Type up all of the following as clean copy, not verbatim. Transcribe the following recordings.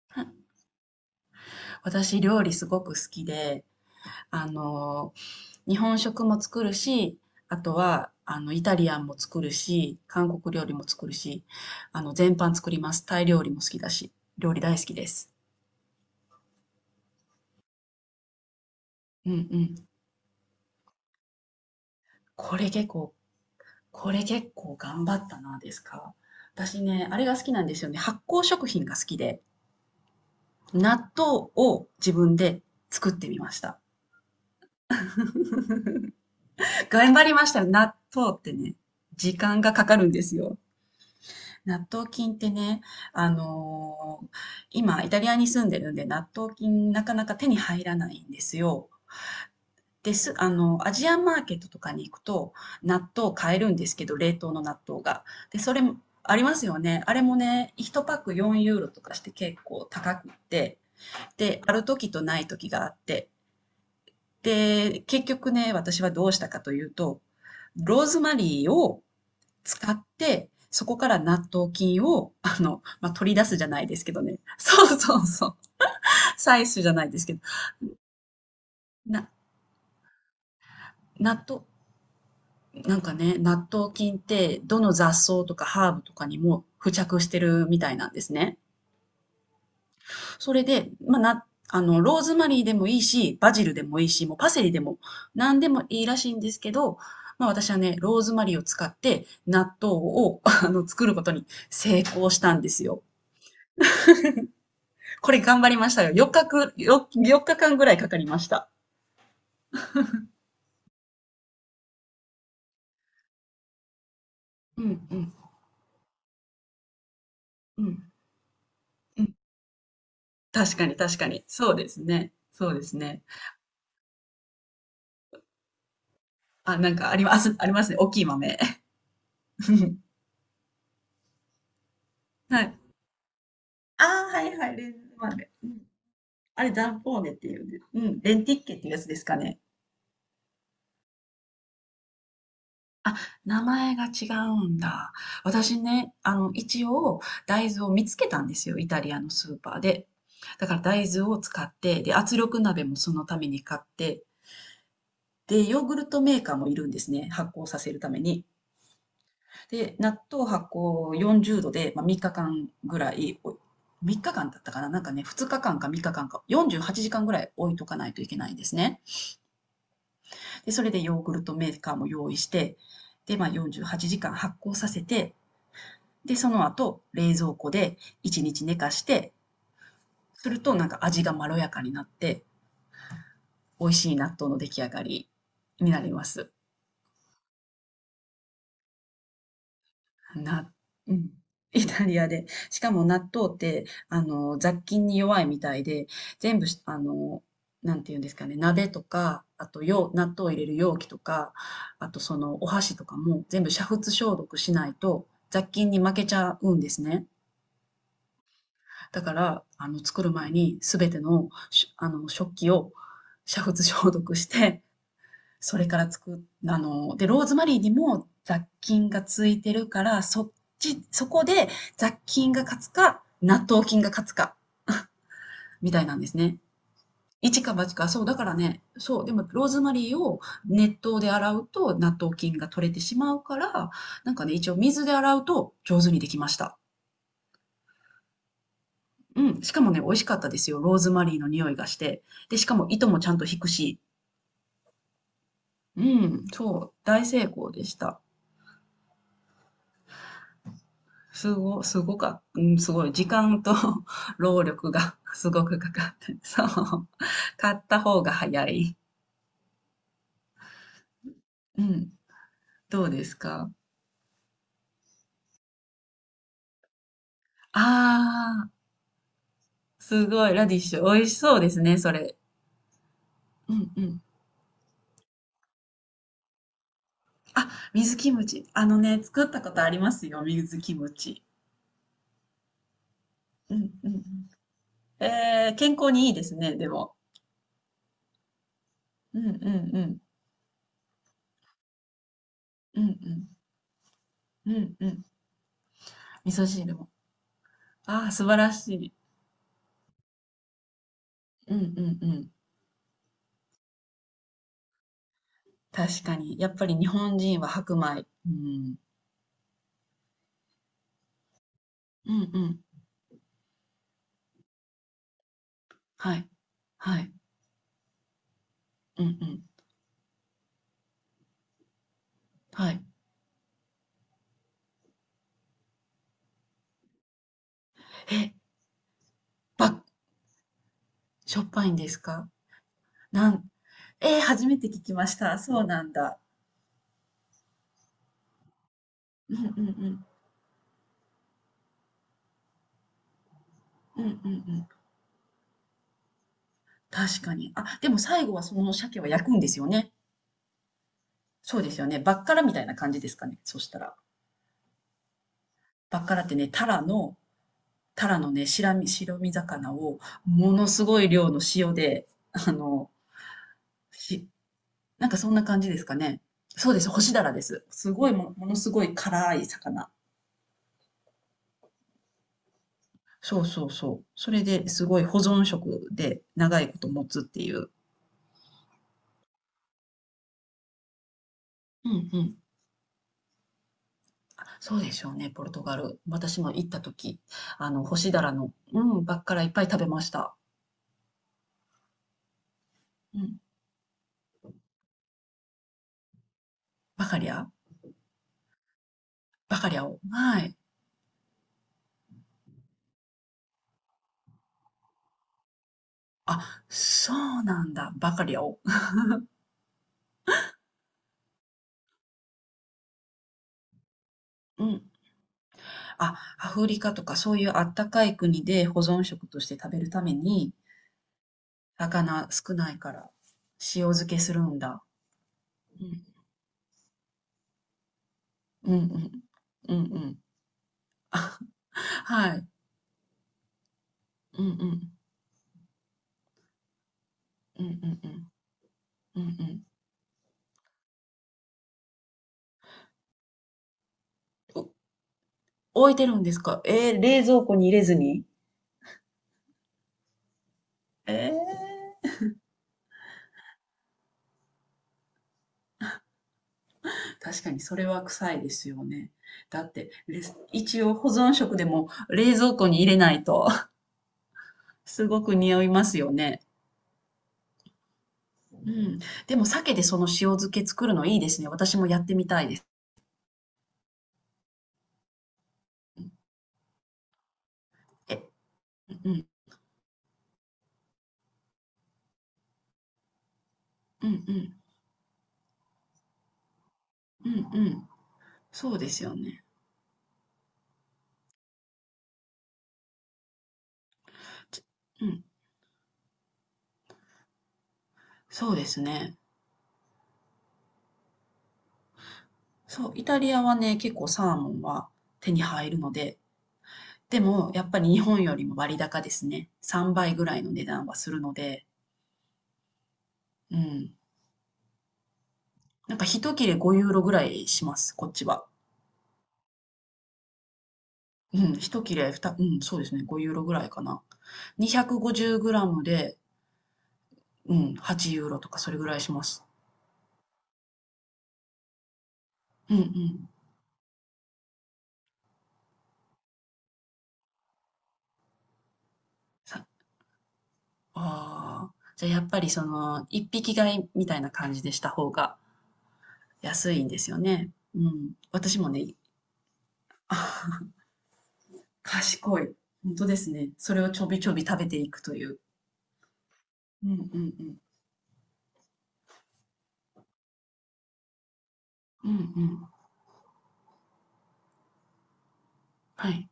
私、料理すごく好きで、あの、日本食も作るし、あとは、イタリアンも作るし、韓国料理も作るし、全般作ります。タイ料理も好きだし、料理大好きです。うんうん。これ結構、これ結構頑張ったな、ですか。私ね、あれが好きなんですよね。発酵食品が好きで、納豆を自分で作ってみました。頑張りましたよ。納豆ってね、時間がかかるんですよ。納豆菌ってね、あのー今、イタリアに住んでるんで、納豆菌なかなか手に入らないんですよ。です、アジアンマーケットとかに行くと、納豆買えるんですけど、冷凍の納豆が。で、それも、ありますよね。あれもね、1パック4ユーロとかして結構高くって、で、ある時とない時があって、で、結局ね、私はどうしたかというと、ローズマリーを使って、そこから納豆菌を、取り出すじゃないですけどね。そうそうそう。採取じゃないですけど。な、納豆、なんかね、納豆菌ってどの雑草とかハーブとかにも付着してるみたいなんですね。それで、まあ、な、あの、ローズマリーでもいいし、バジルでもいいし、もうパセリでも何でもいいらしいんですけど、まあ私はね、ローズマリーを使って納豆を 作ることに成功したんですよ。これ頑張りましたよ。4日間ぐらいかかりました。うんうんうんうん。確かに確かに。そうですね。そうですね。あ、なんかあります、ありますね。大きい豆。はい。ああ、はいはい。レンズ豆。うん。あれ、ダンポーネっていうね。うん。レンティッケっていうやつですかね。あ、名前が違うんだ。私ね、一応、大豆を見つけたんですよ。イタリアのスーパーで。だから大豆を使って、で、圧力鍋もそのために買って、で、ヨーグルトメーカーもいるんですね、発酵させるために。で、納豆発酵40度で、まあ、3日間ぐらい、お3日間だったかななんかね、2日間か3日間かかんか、48時間ぐらい置いとかないといけないんですね。で、それでヨーグルトメーカーも用意して、で、まあ、48時間発酵させて、で、その後、冷蔵庫で1日寝かして、するとなんか味がまろやかになって、美味しい納豆の出来上がりになります。なうん。イタリアで。しかも納豆って、雑菌に弱いみたいで、全部し、あの、なんていうんですかね、鍋とか、あと容、納豆を入れる容器とか、あとそのお箸とかも全部煮沸消毒しないと雑菌に負けちゃうんですね。だから、作る前にすべての、しあの、食器を煮沸消毒して、それからつく、あの、で、ローズマリーにも雑菌がついてるから、そっち、そこで雑菌が勝つか、納豆菌が勝つか、みたいなんですね。一か八か、そう、だからね、そう、でもローズマリーを熱湯で洗うと納豆菌が取れてしまうから、なんかね、一応水で洗うと上手にできました。うん、しかもね、美味しかったですよ。ローズマリーの匂いがして。で、しかも糸もちゃんと引くし。うん、そう、大成功でした。すごすごかうん、すごい。時間と 労力が すごくかかって、そう。買った方が早い。うん。どうですか？ああー、すごい。ラディッシュ。美味しそうですね、それ。うんうん。あ、水キムチ。あのね、作ったことありますよ、水キムチ。うんうんうん。えー、健康にいいですね、でも。うんうんうん。うんうん。うんうん。味噌汁も。ああ、素晴らしい。うんうんうん。確かに。やっぱり日本人は白米。うん。うんうん。はい。はい。うんうん。はい。え、ば、しょっぱいんですか？なん、えー初めて聞きました。そうなんだ。うんうんうん。うんうんうん。確かに。あ、でも最後はその鮭は焼くんですよね。そうですよね。バッカラみたいな感じですかね。そしたら。バッカラってね、タラの、タラのね、白身魚をものすごい量の塩で、あの、なんかそんな感じですかね。そうです、干しダラです。すごいも、ものすごい辛い魚。そうそうそう。それですごい保存食で長いこと持つっていう。うんうん。あそうでしょうね、ポルトガル。私も行った時、干しダラの、うん、ばっからいっぱい食べました。うん。バカリアバカリアを。はい。あ、そうなんだ、バカリアを。うん。あ、アフリカとかそういうあったかい国で保存食として食べるために、魚少ないから、塩漬けするんだ。うん。うんうん。うんうん。あはい。うんうん。うんうんうん。うんうん。お置いてるんですか？えー、冷蔵庫に入れずに？えー、確かにそれは臭いですよね。だって、レス一応保存食でも冷蔵庫に入れないと すごく匂いますよね。うん。でも鮭でその塩漬け作るのいいですね。私もやってみたいです。え、うん、うん、うん、うん、うん。そうですよね。うん。そうですね。そう、イタリアはね、結構サーモンは手に入るので、でもやっぱり日本よりも割高ですね。3倍ぐらいの値段はするので、うん。なんか一切れ5ユーロぐらいします、こっちは。うん、一切れ2、うん、そうですね、5ユーロぐらいかな。250グラムで、うん、8ユーロとかそれぐらいします。うんうん。さ、ああ。じゃあやっぱりその、一匹買いみたいな感じでした方が安いんですよね。うん。私もね、あ 賢い。本当ですね。それをちょびちょび食べていくという。うんうんうん。うんうん。はい。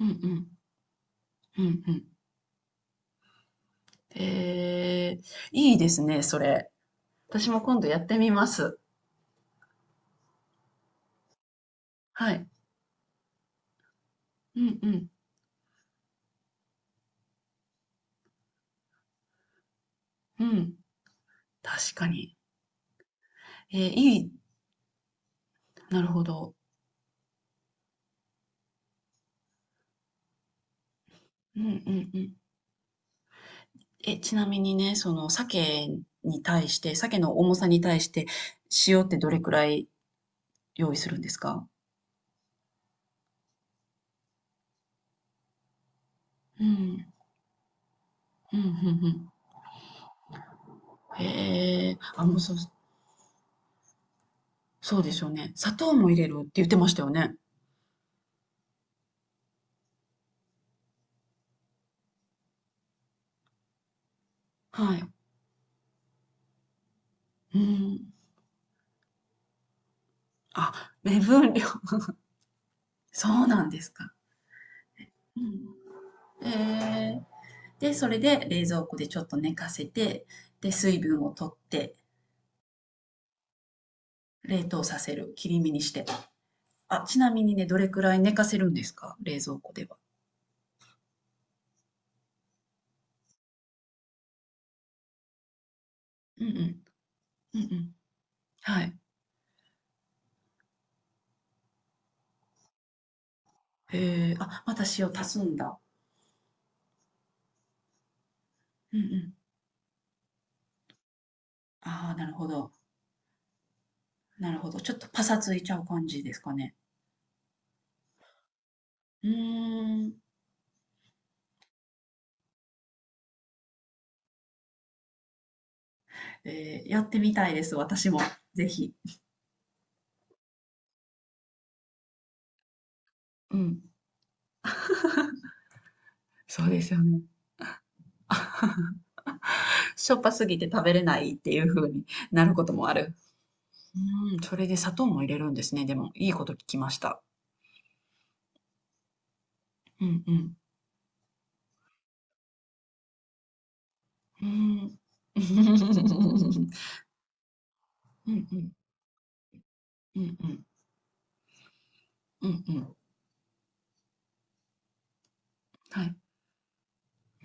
うんうん。うんうん。えー、いいですね、それ。私も今度やってみます。はい。うんうん。うん。確かに。えー、いい。なるほど。うんうんうん。え、ちなみにね、その鮭に対して、鮭の重さに対して、塩ってどれくらい用意するんですか？うん。うん、うんうん。へえ。あ、もう、そう、そうでしょうね。砂糖も入れるって言ってましたよね。はい。うん。あ、目分量。そうなんですか。うん。ええ。で、それで冷蔵庫でちょっと寝かせて、で、水分を取って、冷凍させる。切り身にして。あ、ちなみにね、どれくらい寝かせるんですか？冷蔵庫では。うんうん。うんうん。はい。へえ。あ、また塩足すんだ。うんうん。ああ、なるほど。なるほど。ちょっとパサついちゃう感じですかね？うーん。えーやってみたいです、私も。ぜひ。うん、そうですよね。しょっぱすぎて食べれないっていう風になることもある。うん、それで砂糖も入れるんですね。でも、いいこと聞きました。うんうん。うん。うんうん。うんうん。うんうん。はい。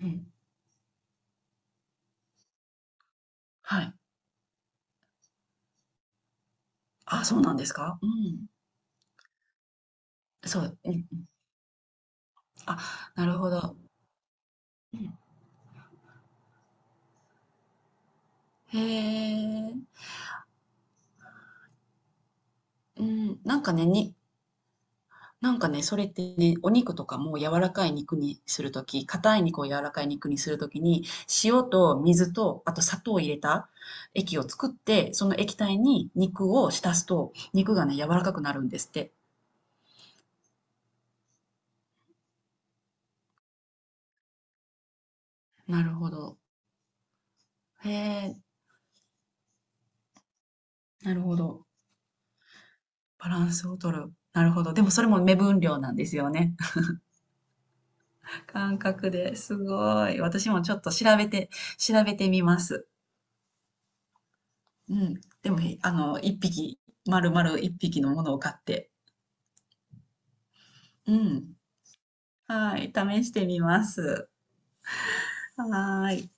うん。はい。あ、そうなんですか？うん。そう。うん。あ、なるほど。うんへえ。うん。なんかね、それってね、お肉とかも柔らかい肉にするとき、硬い肉を柔らかい肉にするときに、塩と水と、あと砂糖を入れた液を作って、その液体に肉を浸すと、肉がね、柔らかくなるんですって。なるほど。へえ、なるほど。バランスを取る。なるほど。でもそれも目分量なんですよね。感覚ですごい。私もちょっと調べて、調べてみます。うん。でも、丸々一匹のものを買って。うん。はい、試してみます。はーい。